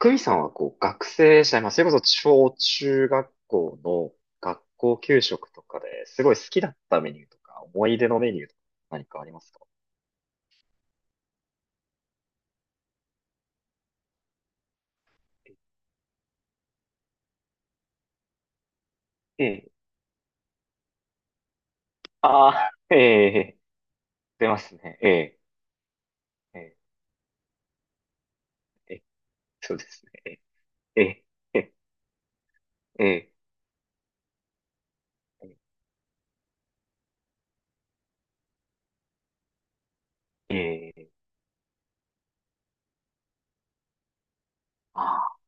クミさんは学生時代、まあ、それこそ小中学校の学校給食とかですごい好きだったメニューとか、思い出のメニューとか何かありますか？ええ。ああ、ええ、出ますね。ええ、ええ、そうですね。ええ、ええ、ええ、ええ、ええ、ああ。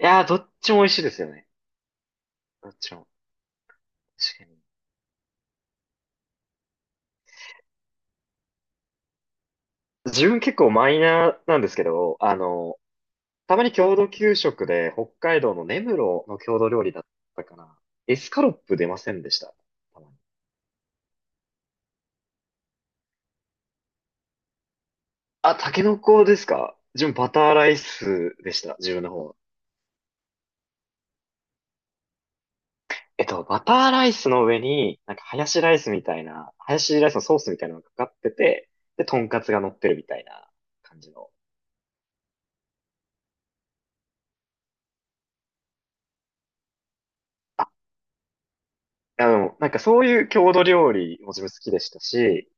いやー、どっちも美味しいですよね。どっちも。確かに。自分結構マイナーなんですけど、たまに郷土給食で北海道の根室の郷土料理だったかな。エスカロップ出ませんでした？たまに。あ、タケノコですか？自分バターライスでした。自分の方は。バターライスの上に、なんかハヤシライスみたいな、ハヤシライスのソースみたいなのがかかってて、で、トンカツが乗ってるみたいな感じの。あ、なんかそういう郷土料理も自分好きでしたし、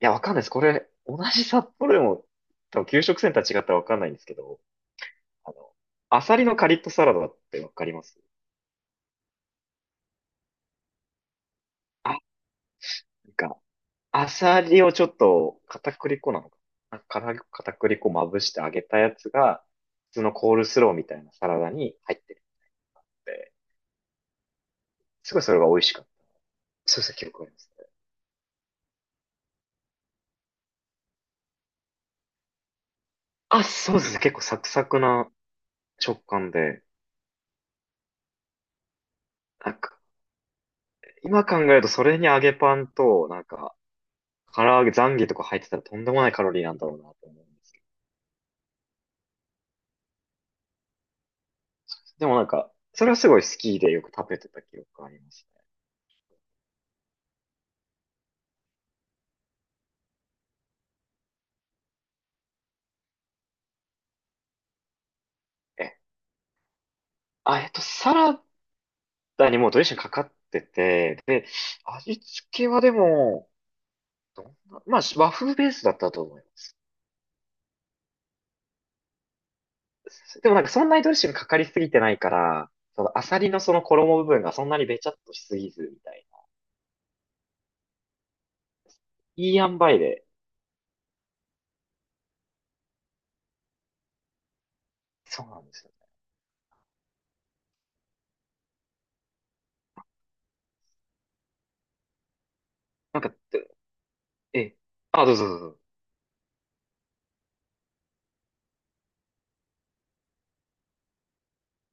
いや、わかんないです。これ、同じ札幌でも、多分給食センター違ったらわかんないんですけど、あの、アサリのカリッとサラダってわかります？あ、なんか、アサリをちょっと片栗粉なのかなから片栗粉まぶして揚げたやつが、普通のコールスローみたいなサラダに入ってるので、すごいそれが美味しかった。そうですね、記憶ありますね。あ、そうですね、結構サクサクな食感で、なんか、今考えるとそれに揚げパンと、なんか、唐揚げ、ザンギとか入ってたらとんでもないカロリーなんだろうなと思うんですけど。でもなんか、それはすごい好きでよく食べてた記憶がありますね。ええ、あ、サラダにもうドレッシングかかってて、で、味付けはでも、どんな、まあ、和風ベースだったと思います。でもなんかそんなにドレッシングかかりすぎてないから、そのアサリのその衣部分がそんなにべちゃっとしすぎずみたいな。いい塩梅で。そうなんですよ。なんか、ええ、あ、どうぞどうぞ。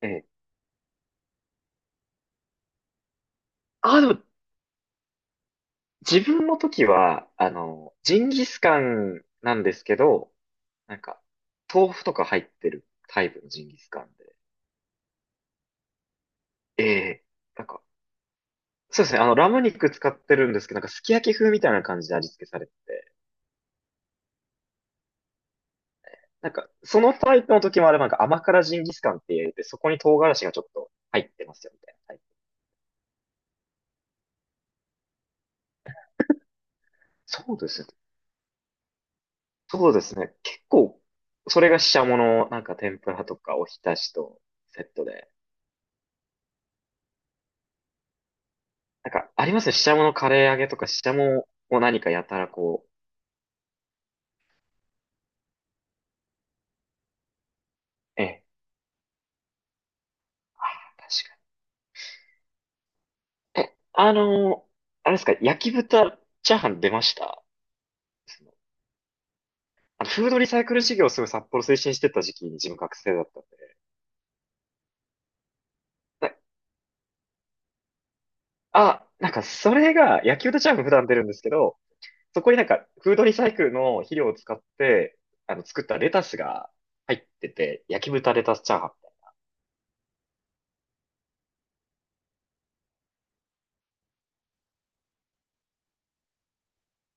ええ。あ、でも、自分の時は、ジンギスカンなんですけど、なんか、豆腐とか入ってるタイプのジンギスカンで。ええ。なんか、そうですね。ラム肉使ってるんですけど、なんかすき焼き風みたいな感じで味付けされてて、なんか、そのタイプの時もあれば、なんか甘辛ジンギスカンって言って、そこに唐辛子がちょっと入ってますよ、みたいなタイプ。そうですね。そうですね。結構、それがししゃもの、なんか天ぷらとかおひたしとセットで。なんか、ありますね。ししゃものカレー揚げとか、ししゃもを何かやたらこう。ええ、確かに。え、あのーあれですか、焼き豚チャーハン出ました？フードリサイクル事業をすごい札幌推進してた時期に自分学生だったんで。ななんかそれが野球とチャーム普段出るんですけど、そこになんかフードリサイクルの肥料を使って、作ったレタスが入ってて、焼き豚レタスチャーハン。い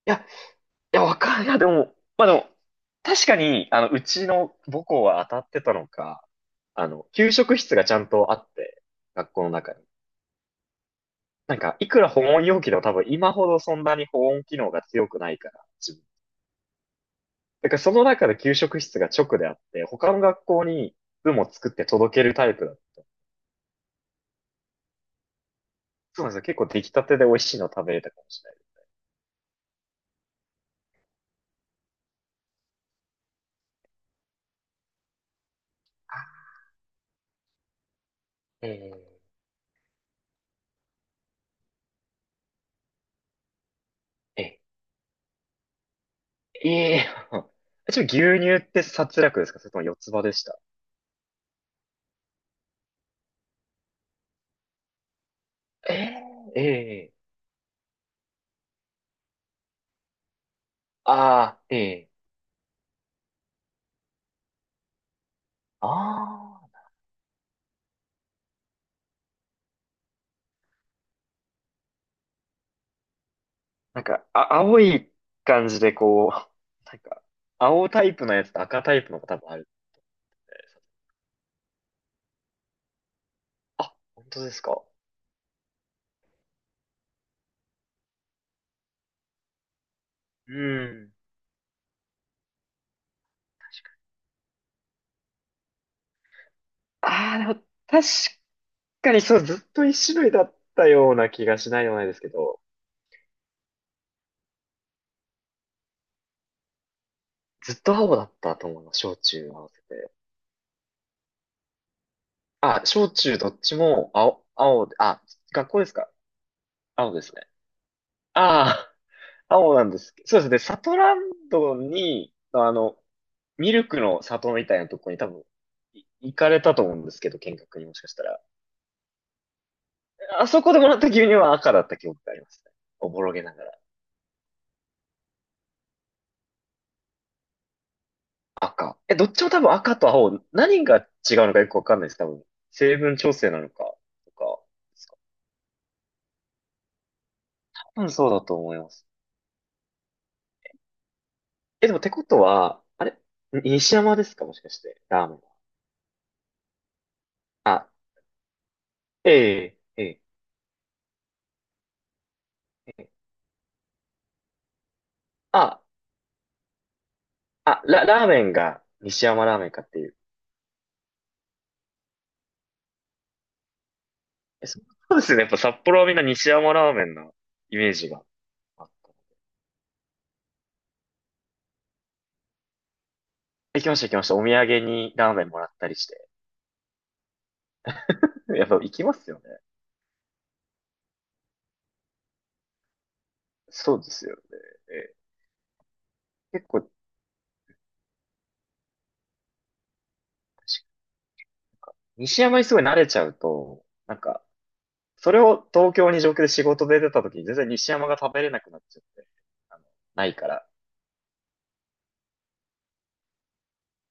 や、いや、わかんない。いや、でも、まあでも、確かに、うちの母校は当たってたのか、給食室がちゃんとあって、学校の中に。なんか、いくら保温容器でも多分今ほどそんなに保温機能が強くないから、だからその中で給食室が直であって、他の学校に部も作って届けるタイプだった。そうなんですよ。結構出来たてで美味しいの食べれたかもしれないです。えーえ、ええー、ちょっと牛乳って殺略ですか、それとも四つ葉でした？ええええ、ああ、ええ、ああ、なんか、あ、青い感じでこう、なんか、青タイプのやつと赤タイプのが多分ある。あ、本当ですか？うん。ああ、でも確かにそう、ずっと一種類だったような気がしないでもないですけど、ずっと青だったと思うの、小中合わせて。あ、小中どっちも青、青で、あ、学校ですか？青ですね。ああ、青なんです。そうですね、サトランドに、ミルクの里みたいなとこに多分、行かれたと思うんですけど、見学にもしかしたら。あそこでもらった牛乳は赤だった記憶がありますね。おぼろげながら。赤。どっちも多分赤と青、何が違うのかよくわかんないです、多分。成分調整なのか、とか、ですか？多分そうだと思います。でもってことは、あれ西山ですか、もしかして、ラーメンは。あ、ええ、ええ、ええ。あ、あ、ラーメンが西山ラーメンかっていう。そうですね。やっぱ札幌はみんな西山ラーメンのイメージがあった。行きました行きました。お土産にラーメンもらったりして。やっぱ行きますよね。そうですよね。ええ、結構、西山にすごい慣れちゃうと、なんか、それを東京に上京で仕事で出た時に全然西山が食べれなくなっちゃって、あの、ないから、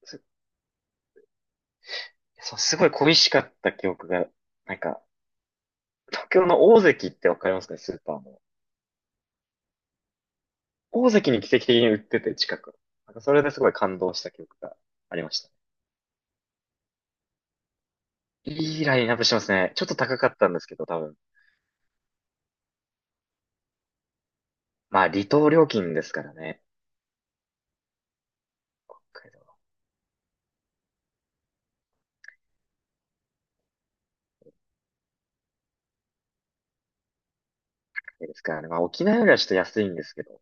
す、そうすごい恋しかった記憶が、なんか、東京の大関ってわかりますかね、スーパーの。大関に奇跡的に売ってて、近く。なんかそれですごい感動した記憶がありましたね。いいラインナップしてますね。ちょっと高かったんですけど、多分。まあ、離島料金ですからね。北海道ですからね。まあ、沖縄よりはちょっと安いんですけど。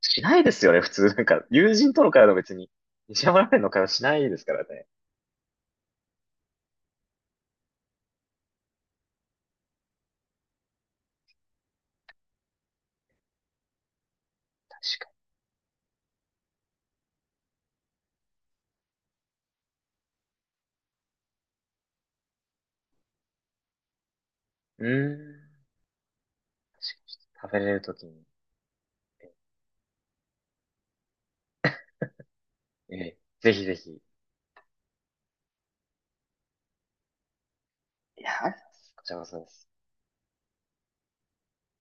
しないですよね、普通。なんか、友人との会話の別に、西山ラーメンの会話しないですからね。確かに。うーん。食べれるときに。ええ、ぜひぜひ。いや、こちらこそです。